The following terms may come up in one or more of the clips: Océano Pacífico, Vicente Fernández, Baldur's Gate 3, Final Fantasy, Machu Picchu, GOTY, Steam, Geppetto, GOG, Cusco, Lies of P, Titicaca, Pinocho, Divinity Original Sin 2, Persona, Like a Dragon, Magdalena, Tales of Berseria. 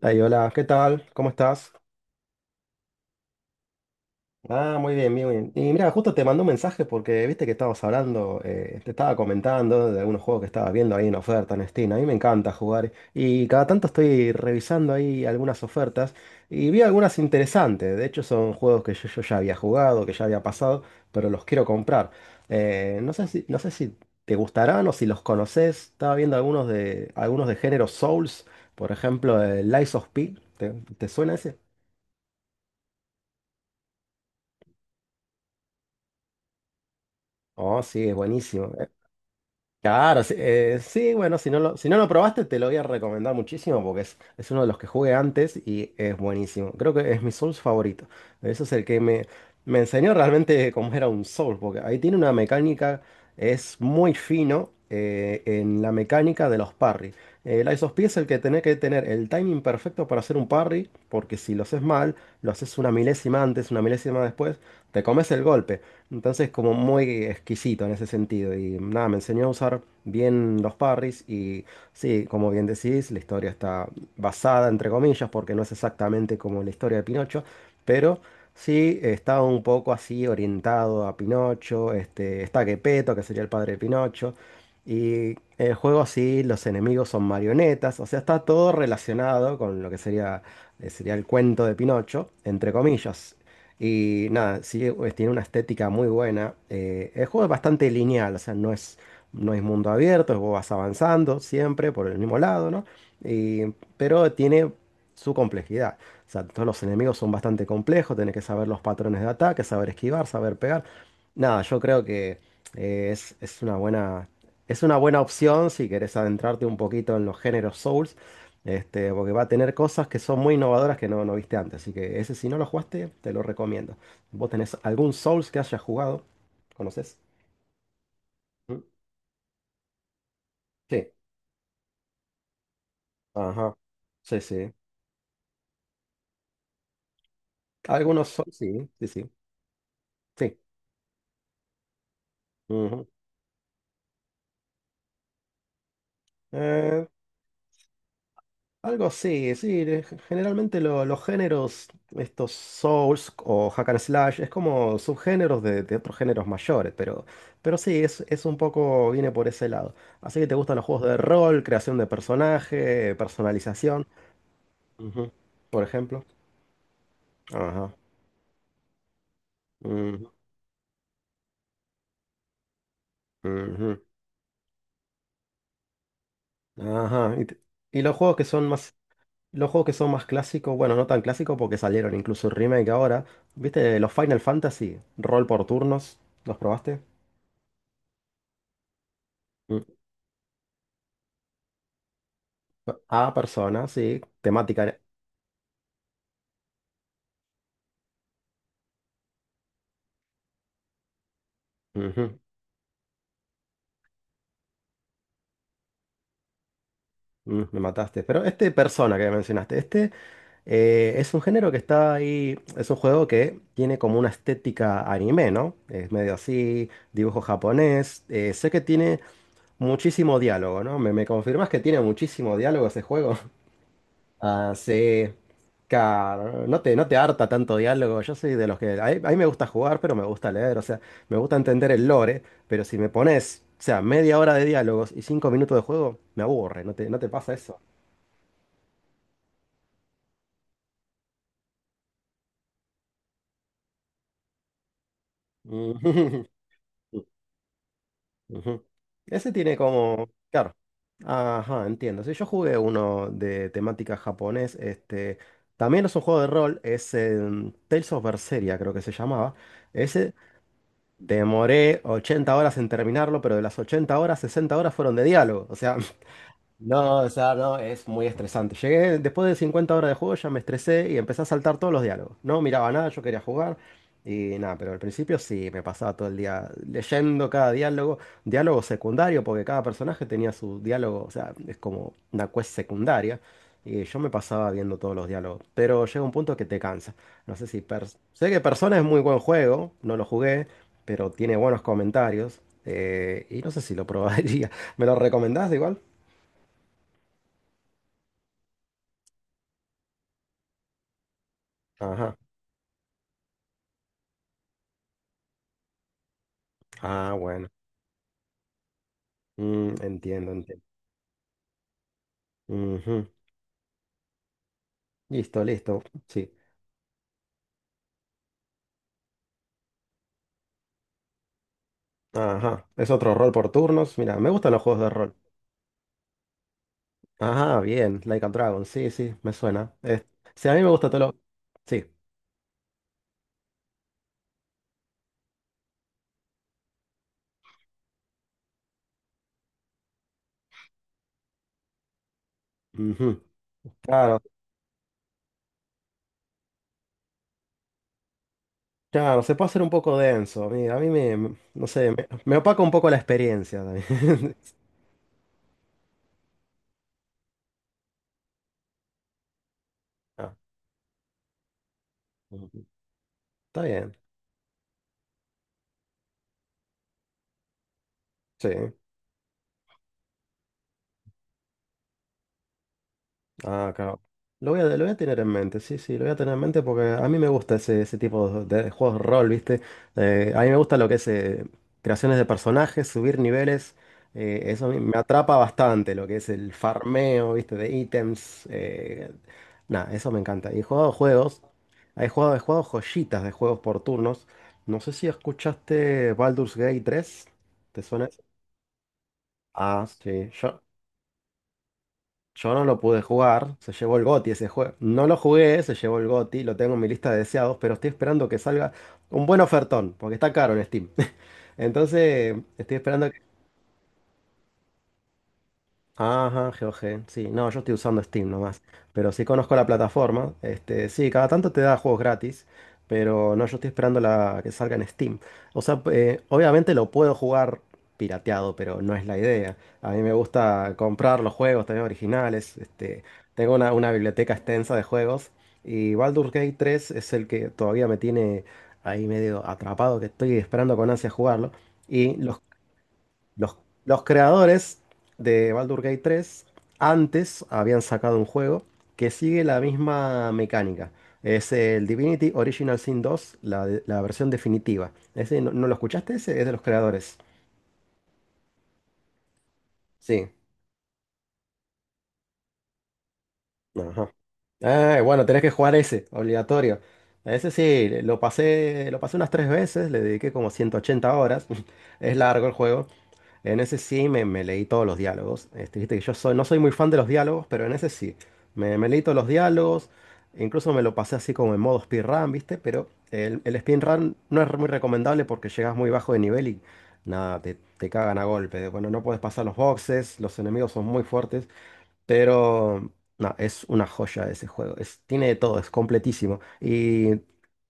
Ay, hola, ¿qué tal? ¿Cómo estás? Ah, muy bien, muy bien. Y mira, justo te mandé un mensaje porque viste que estabas hablando, te estaba comentando de algunos juegos que estabas viendo ahí en oferta en Steam. A mí me encanta jugar y cada tanto estoy revisando ahí algunas ofertas y vi algunas interesantes. De hecho, son juegos que yo ya había jugado, que ya había pasado, pero los quiero comprar. No sé si te gustarán o si los conoces. Estaba viendo algunos de género Souls, por ejemplo, el Lies of P. ¿Te suena ese? Oh, sí, es buenísimo. Claro, sí, sí, bueno, si no lo probaste, te lo voy a recomendar muchísimo porque es uno de los que jugué antes y es buenísimo. Creo que es mi Souls favorito. Eso es el que me enseñó realmente cómo era un Souls, porque ahí tiene una mecánica, es muy fino en la mecánica de los parry. El Ice of P es el que tenés que tener el timing perfecto para hacer un parry, porque si lo haces mal, lo haces una milésima antes, una milésima después, te comes el golpe. Entonces, como muy exquisito en ese sentido. Y nada, me enseñó a usar bien los parries. Y sí, como bien decís, la historia está basada, entre comillas, porque no es exactamente como la historia de Pinocho. Pero sí, está un poco así orientado a Pinocho. Este, está Geppetto, que sería el padre de Pinocho. Y el juego así, los enemigos son marionetas. O sea, está todo relacionado con lo que sería, sería el cuento de Pinocho, entre comillas. Y nada, sí, pues, tiene una estética muy buena. El juego es bastante lineal, o sea, no es mundo abierto, vos vas avanzando siempre por el mismo lado, ¿no? Y- pero tiene su complejidad. O sea, todos los enemigos son bastante complejos, tenés que saber los patrones de ataque, saber esquivar, saber pegar. Nada, yo creo que eh, es, es una buena, es una buena opción si querés adentrarte un poquito en los géneros Souls. Este, porque va a tener cosas que son muy innovadoras que no viste antes. Así que ese, si no lo jugaste, te lo recomiendo. ¿Vos tenés algún Souls que hayas jugado? ¿Conoces? ¿Mm? Sí. Ajá. Sí, sí. Algunos Souls, sí, sí, sí. Sí. Ujú. Eh, Algo así, sí. Generalmente los géneros, estos Souls o Hack and Slash, es como subgéneros de otros géneros mayores, pero sí, es un poco, viene por ese lado. Así que te gustan los juegos de rol, creación de personaje, personalización, ujú. Por ejemplo. Ajá. Ujú, ujú. Ajá. Y los juegos que son más clásicos, bueno, no tan clásicos porque salieron incluso remake ahora. ¿Viste los Final Fantasy? Rol por turnos, ¿los probaste? Ah, persona, sí, temática. Ujú, me mataste. Pero este persona que mencionaste, este es un género que está ahí, es un juego que tiene como una estética anime, ¿no? Es medio así, dibujo japonés. Sé que tiene muchísimo diálogo, ¿no? ¿Me confirmas que tiene muchísimo diálogo ese juego? Ah, sí. Claro, no te harta tanto diálogo. Yo soy de los que. A mí me gusta jugar, pero me gusta leer. O sea, me gusta entender el lore. Pero si me pones, o sea, media hora de diálogos y 5 minutos de juego, me aburre. No te pasa eso. Ujú. Ujú. Ese tiene como. Claro. Ajá, entiendo. Sí, yo jugué uno de temática japonés. Este, también es un juego de rol. Es Tales of Berseria, creo que se llamaba. Ese. Demoré 80 horas en terminarlo, pero de las 80 horas, 60 horas fueron de diálogo. O sea, no, es muy estresante. Llegué después de 50 horas de juego, ya me estresé y empecé a saltar todos los diálogos. No miraba nada, yo quería jugar y nada, pero al principio sí, me pasaba todo el día leyendo cada diálogo, diálogo secundario, porque cada personaje tenía su diálogo, o sea, es como una quest secundaria y yo me pasaba viendo todos los diálogos, pero llega un punto que te cansa. No sé si... Sé que Persona es muy buen juego, no lo jugué, pero tiene buenos comentarios y no sé si lo probaría. ¿Me lo recomendás igual? Ajá. Ah, bueno. Mm, entiendo, entiendo. Ujú. Listo, listo. Sí. Ajá. Es otro rol por turnos. Mira, me gustan los juegos de rol. Ajá, bien. Like a Dragon. Sí, sí, me suena. Sí, a mí me gusta todo lo... Sí. Ujú. Claro, claro. Se puede hacer un poco denso. A mí me... me- No sé, me opaca un poco la experiencia también. Ah, ujú. Está bien. Sí. Ah, claro. Lo voy a tener en mente, sí, sí, lo voy a tener en mente porque a mí me gusta ese tipo de juegos de rol, ¿viste? A mí me gusta lo que es creaciones de personajes, subir niveles. Eso a mí me atrapa bastante, lo que es el farmeo, ¿viste? De ítems. Nada, eso me encanta. Y he jugado juegos, he jugado joyitas de juegos por turnos. No sé si escuchaste Baldur's Gate 3. ¿Te suena eso? Ah, sí. Yo no lo pude jugar, se llevó el GOTY ese juego. No lo jugué, se llevó el GOTY, lo tengo en mi lista de deseados, pero estoy esperando que salga un buen ofertón, porque está caro en Steam. Entonces, estoy esperando. Ajá. GOG, sí, no, yo estoy usando Steam nomás, pero sí conozco la plataforma, este, sí, cada tanto te da juegos gratis, pero no, yo estoy esperando la que salga en Steam. O sea, obviamente lo puedo jugar pirateado, pero no es la idea. A mí me gusta comprar los juegos también originales, este, tengo una biblioteca extensa de juegos y Baldur's Gate 3 es el que todavía me tiene ahí medio atrapado, que estoy esperando con ansia jugarlo. Y los, los creadores de Baldur's Gate 3 antes habían sacado un juego que sigue la misma mecánica. Es el Divinity Original Sin 2, la versión definitiva. Ese, ¿no lo escuchaste? Ese es de los creadores. Sí. Ajá. Ah, bueno, tenés que jugar ese, obligatorio. Ese sí, lo pasé unas 3 veces, le dediqué como 180 horas. Es largo el juego. En ese sí me leí todos los diálogos. Este, viste que yo soy, no soy muy fan de los diálogos, pero en ese sí. Me leí todos los diálogos. Incluso me lo pasé así como en modo speedrun, ¿viste? Pero el speedrun no es muy recomendable porque llegas muy bajo de nivel y nada, te cagan a golpe. Bueno, no puedes pasar los boxes, los enemigos son muy fuertes. Pero no, es una joya ese juego. Es, tiene de todo, es completísimo. Y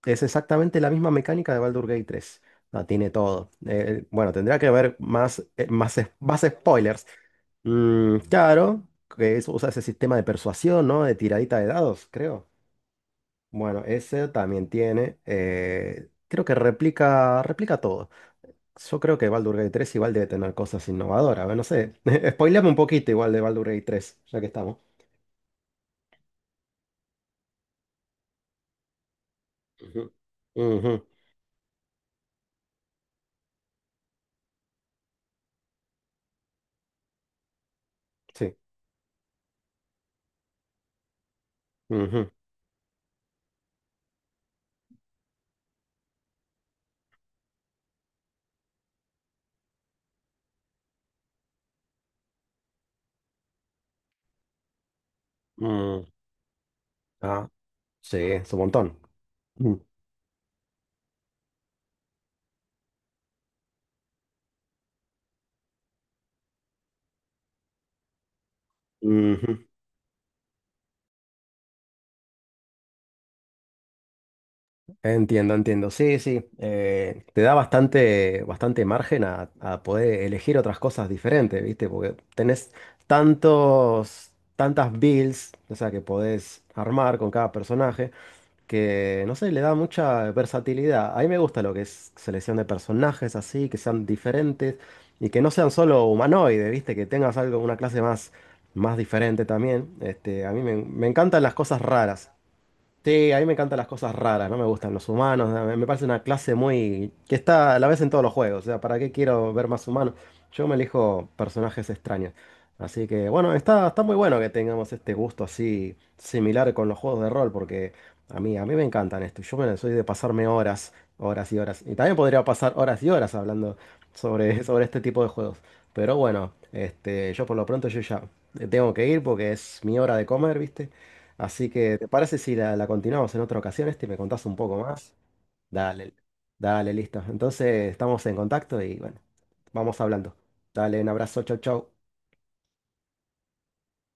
es exactamente la misma mecánica de Baldur's Gate 3. No, tiene todo. Bueno, tendría que haber más, más spoilers. Mm, claro, usa ese sistema de persuasión, ¿no? De tiradita de dados, creo. Bueno, ese también tiene. Creo que replica todo. Yo creo que Baldur's Gate 3 igual debe tener cosas innovadoras. A ver, no sé. Spoileame un poquito igual de Baldur's Gate 3, ya que estamos. Ujú, ujú, sí. Ujú, mm, ah, sí, es un montón. Mm, ujú. Entiendo, entiendo. Sí, sí. Te da bastante, bastante margen a poder elegir otras cosas diferentes, ¿viste? Porque tenés tantos, tantas builds, o sea, que podés armar con cada personaje. Que, no sé, le da mucha versatilidad. A mí me gusta lo que es selección de personajes así, que sean diferentes y que no sean solo humanoides, ¿viste? Que tengas algo, una clase más, más diferente también. Este, a mí me encantan las cosas raras. Sí, a mí me encantan las cosas raras, no me gustan los humanos, me parece una clase muy... que está a la vez en todos los juegos, o sea, ¿para qué quiero ver más humanos? Yo me elijo personajes extraños. Así que bueno, está muy bueno que tengamos este gusto así similar con los juegos de rol, porque a mí me encantan esto. Yo bueno, soy de pasarme horas, horas y horas. Y también podría pasar horas y horas hablando sobre, sobre este tipo de juegos. Pero bueno, este, yo por lo pronto yo ya tengo que ir porque es mi hora de comer, ¿viste? Así que, ¿te parece si la continuamos en otra ocasión, este, y me contás un poco más? Dale, dale, listo. Entonces, estamos en contacto y bueno, vamos hablando. Dale, un abrazo, chau, chau.